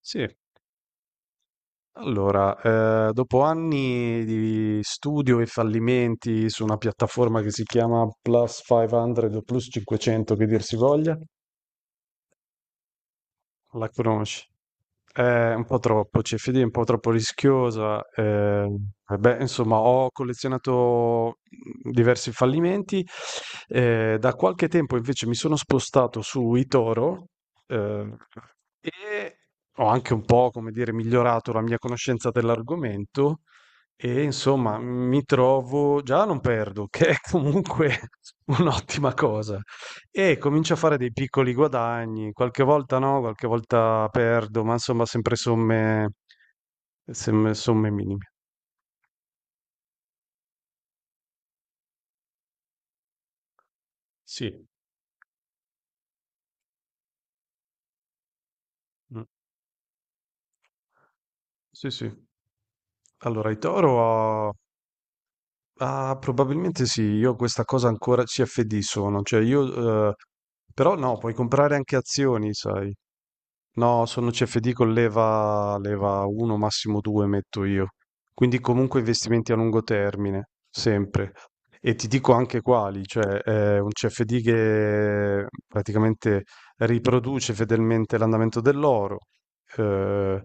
Sì, allora, dopo anni di studio e fallimenti su una piattaforma che si chiama Plus 500 o Plus 500, che dir si voglia. La conosci? È un po' troppo, CFD è un po' troppo rischiosa. Eh, beh, insomma, ho collezionato diversi fallimenti. Da qualche tempo invece mi sono spostato su eToro. Eh, e ho anche un po', come dire, migliorato la mia conoscenza dell'argomento. E insomma, mi trovo, già non perdo, che è comunque un'ottima cosa. E comincio a fare dei piccoli guadagni, qualche volta no, qualche volta perdo, ma insomma sempre somme, somme minime. Sì. Mm. Sì, sì. Allora, i toro, ah, probabilmente sì, io questa cosa ancora CFD sono, cioè io, però no, puoi comprare anche azioni, sai. No, sono CFD con leva, leva 1, massimo 2 metto io. Quindi comunque investimenti a lungo termine, sempre. E ti dico anche quali, cioè è un CFD che praticamente riproduce fedelmente l'andamento dell'oro, eh,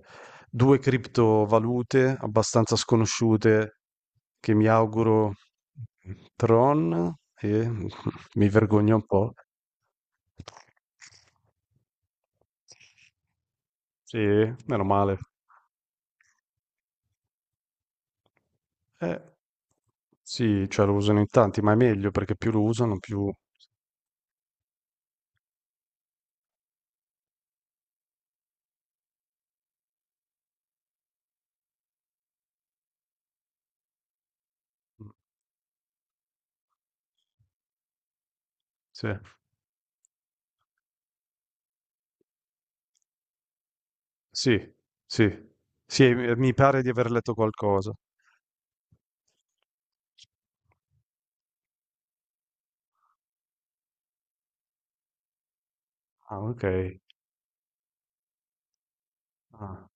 due criptovalute abbastanza sconosciute che mi auguro, Tron, e mi vergogno un po'. Sì? Meno male. Eh, sì, cioè lo usano in tanti, ma è meglio perché più lo usano più mh, sì. Sì, sì. Sì, mi pare di aver letto qualcosa. Ah, ok. Ah,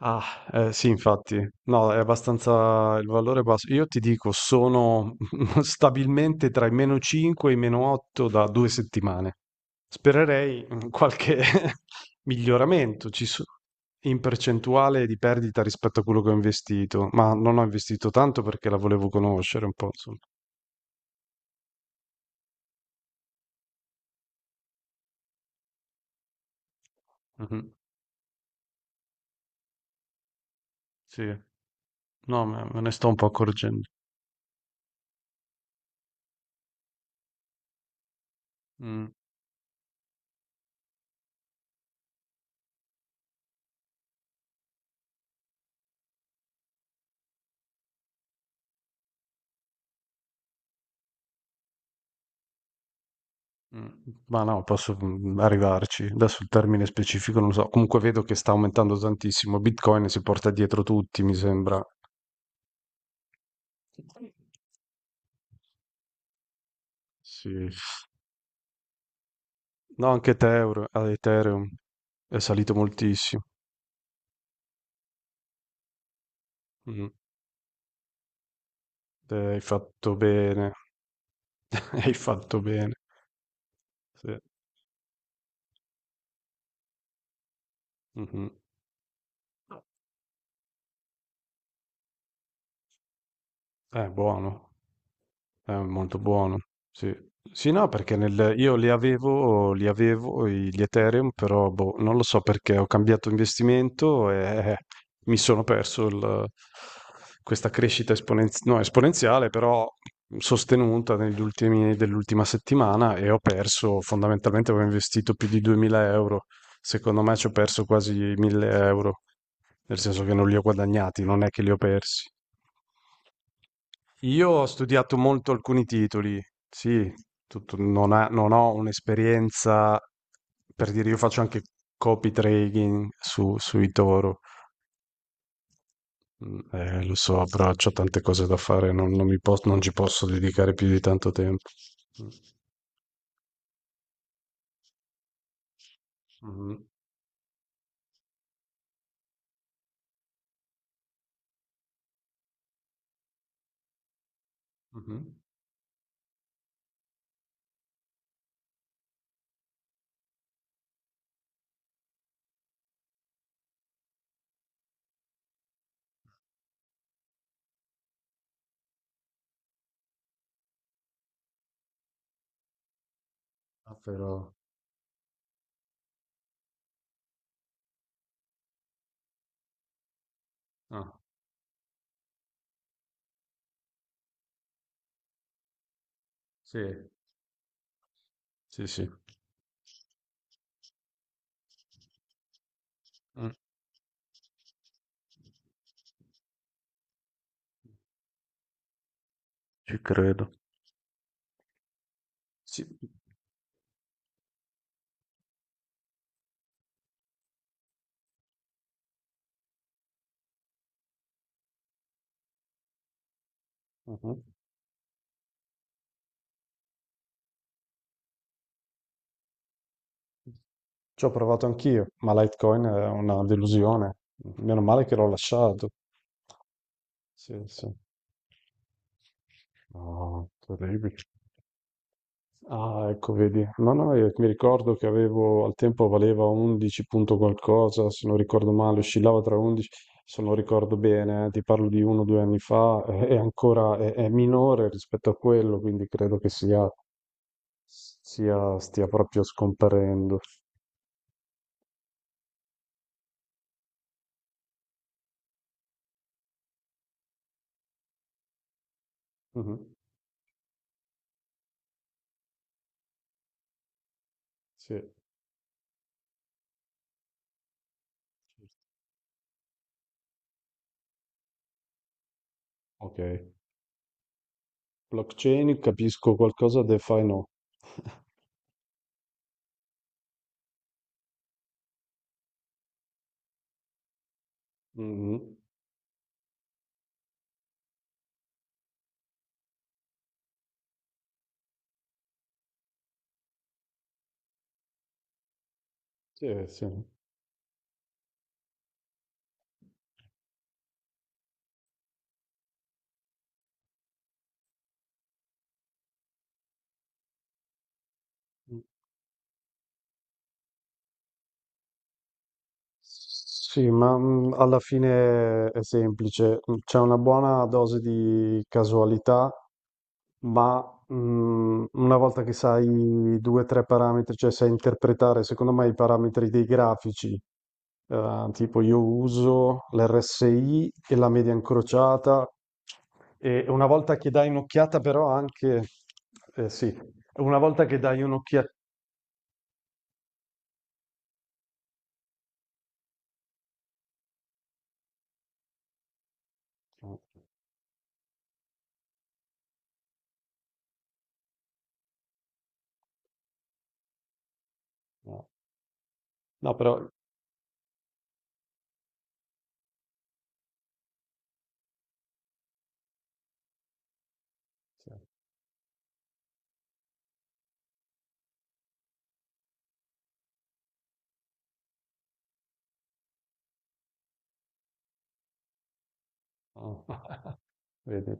ah, sì, infatti. No, è abbastanza il valore è basso. Io ti dico, sono stabilmente tra i meno 5 e i meno 8 da due settimane. Spererei in qualche miglioramento ci so in percentuale di perdita rispetto a quello che ho investito, ma non ho investito tanto perché la volevo conoscere un po' insomma. Mh-mh. Sì, no, me ne sto un po' accorgendo. Mh, mh. Ma no, posso, arrivarci. Adesso il termine specifico non lo so. Comunque vedo che sta aumentando tantissimo. Bitcoin si porta dietro tutti, mi sembra. Sì. No, anche Etheur Ethereum è salito moltissimo. Mh-mh. Hai fatto bene, hai fatto bene. Sì. Mh-mh. Buono. È molto buono, sì. Sì, no, perché nel, io li avevo i- gli Ethereum, però boh, non lo so perché ho cambiato investimento e eh, mi sono perso questa crescita esponenziale, no, esponenziale, però sostenuta negli ultimi, dell'ultima settimana. E ho perso, fondamentalmente avevo investito più di 2000 euro, secondo me ci ho perso quasi 1000 euro, nel senso che non li ho guadagnati, non è che li ho persi. Io ho studiato molto alcuni titoli, sì, non ho un'esperienza, per dire, io faccio anche copy trading sui Toro. Mm, lo so, però ho tante cose da fare, non ci posso dedicare più di tanto tempo. Mm. Mhm, mhm. Ah, però. Ah, sì, sì, sì. Mm. Ci credo. Sì. Mhm. Ci ho provato anch'io, ma Litecoin è una delusione. Meno male che l'ho lasciato. Sì, sì. No, terribile. Ah, ecco, vedi. No, no, io mi ricordo che avevo, al tempo valeva 11 punto qualcosa, se non ricordo male, oscillava tra 11, se non ricordo bene, ti parlo di uno o due anni fa, è ancora, è minore rispetto a quello, quindi credo che stia proprio scomparendo. Mhm. Sì. Certo. Ok. Blockchain, capisco qualcosa, DeFi no. Mhm. Sì, sì. Sì, ma alla fine è semplice, c'è una buona dose di casualità. Ma una volta che sai due o tre parametri, cioè sai interpretare, secondo me, i parametri dei grafici, tipo io uso l'RSI e la media incrociata, e una volta che dai un'occhiata però anche, sì, una volta che dai un'occhiata, no, no, no, però sì. Ah, vedi.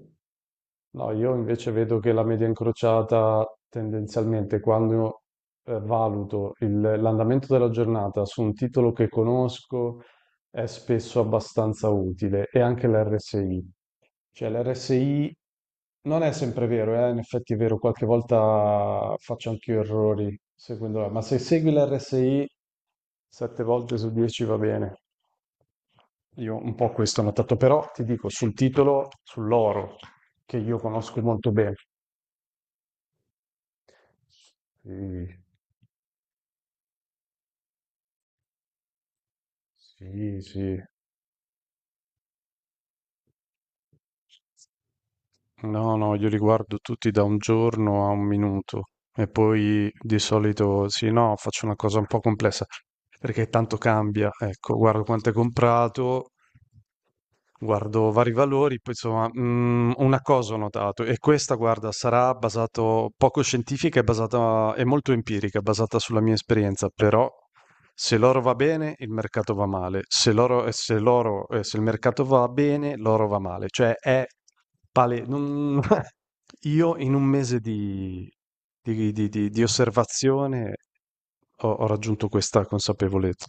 No, io invece vedo che la media incrociata tendenzialmente quando valuto l'andamento della giornata su un titolo che conosco è spesso abbastanza utile e anche l'RSI. Cioè l'RSI non è sempre vero, in effetti è vero, qualche volta faccio anche io errori seguendo, ma se segui l'RSI sette volte su 10 va bene. Io un po' questo ho notato, però ti dico sul titolo, sull'oro, che io conosco molto bene. Sì, sì, sì. No, no, io li guardo tutti da un giorno a un minuto e poi di solito sì, no, faccio una cosa un po' complessa perché tanto cambia. Ecco, guardo quanto è comprato, guardo vari valori, poi insomma, una cosa ho notato, e questa, guarda, sarà basato poco scientifica, è basata, è molto empirica, è basata sulla mia esperienza, però se l'oro va bene, il mercato va male, se il mercato va bene, l'oro va male, cioè è pale... non- Io in un mese di osservazione ho raggiunto questa consapevolezza.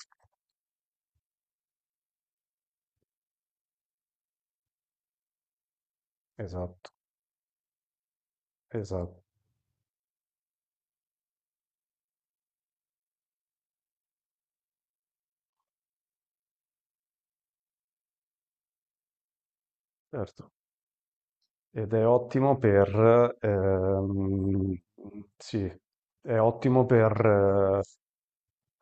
Esatto, esatto. Certo. Ed è ottimo per, sì, è ottimo per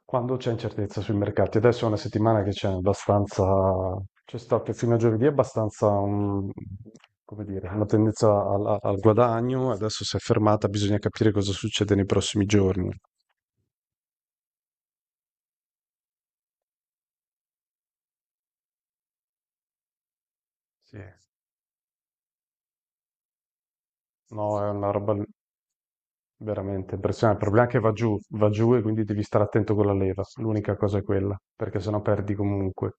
quando c'è incertezza sui mercati. Adesso è una settimana che c'è abbastanza, c'è stato fino a giovedì abbastanza come dire, una tendenza al, al guadagno, adesso si è fermata, bisogna capire cosa succede nei prossimi giorni. Sì. No, è una roba veramente impressionante. Il problema è che va giù e quindi devi stare attento con la leva, l'unica cosa è quella, perché sennò perdi comunque.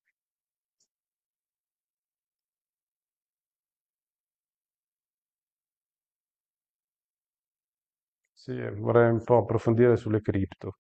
Sì, vorrei un po' approfondire sulle cripto.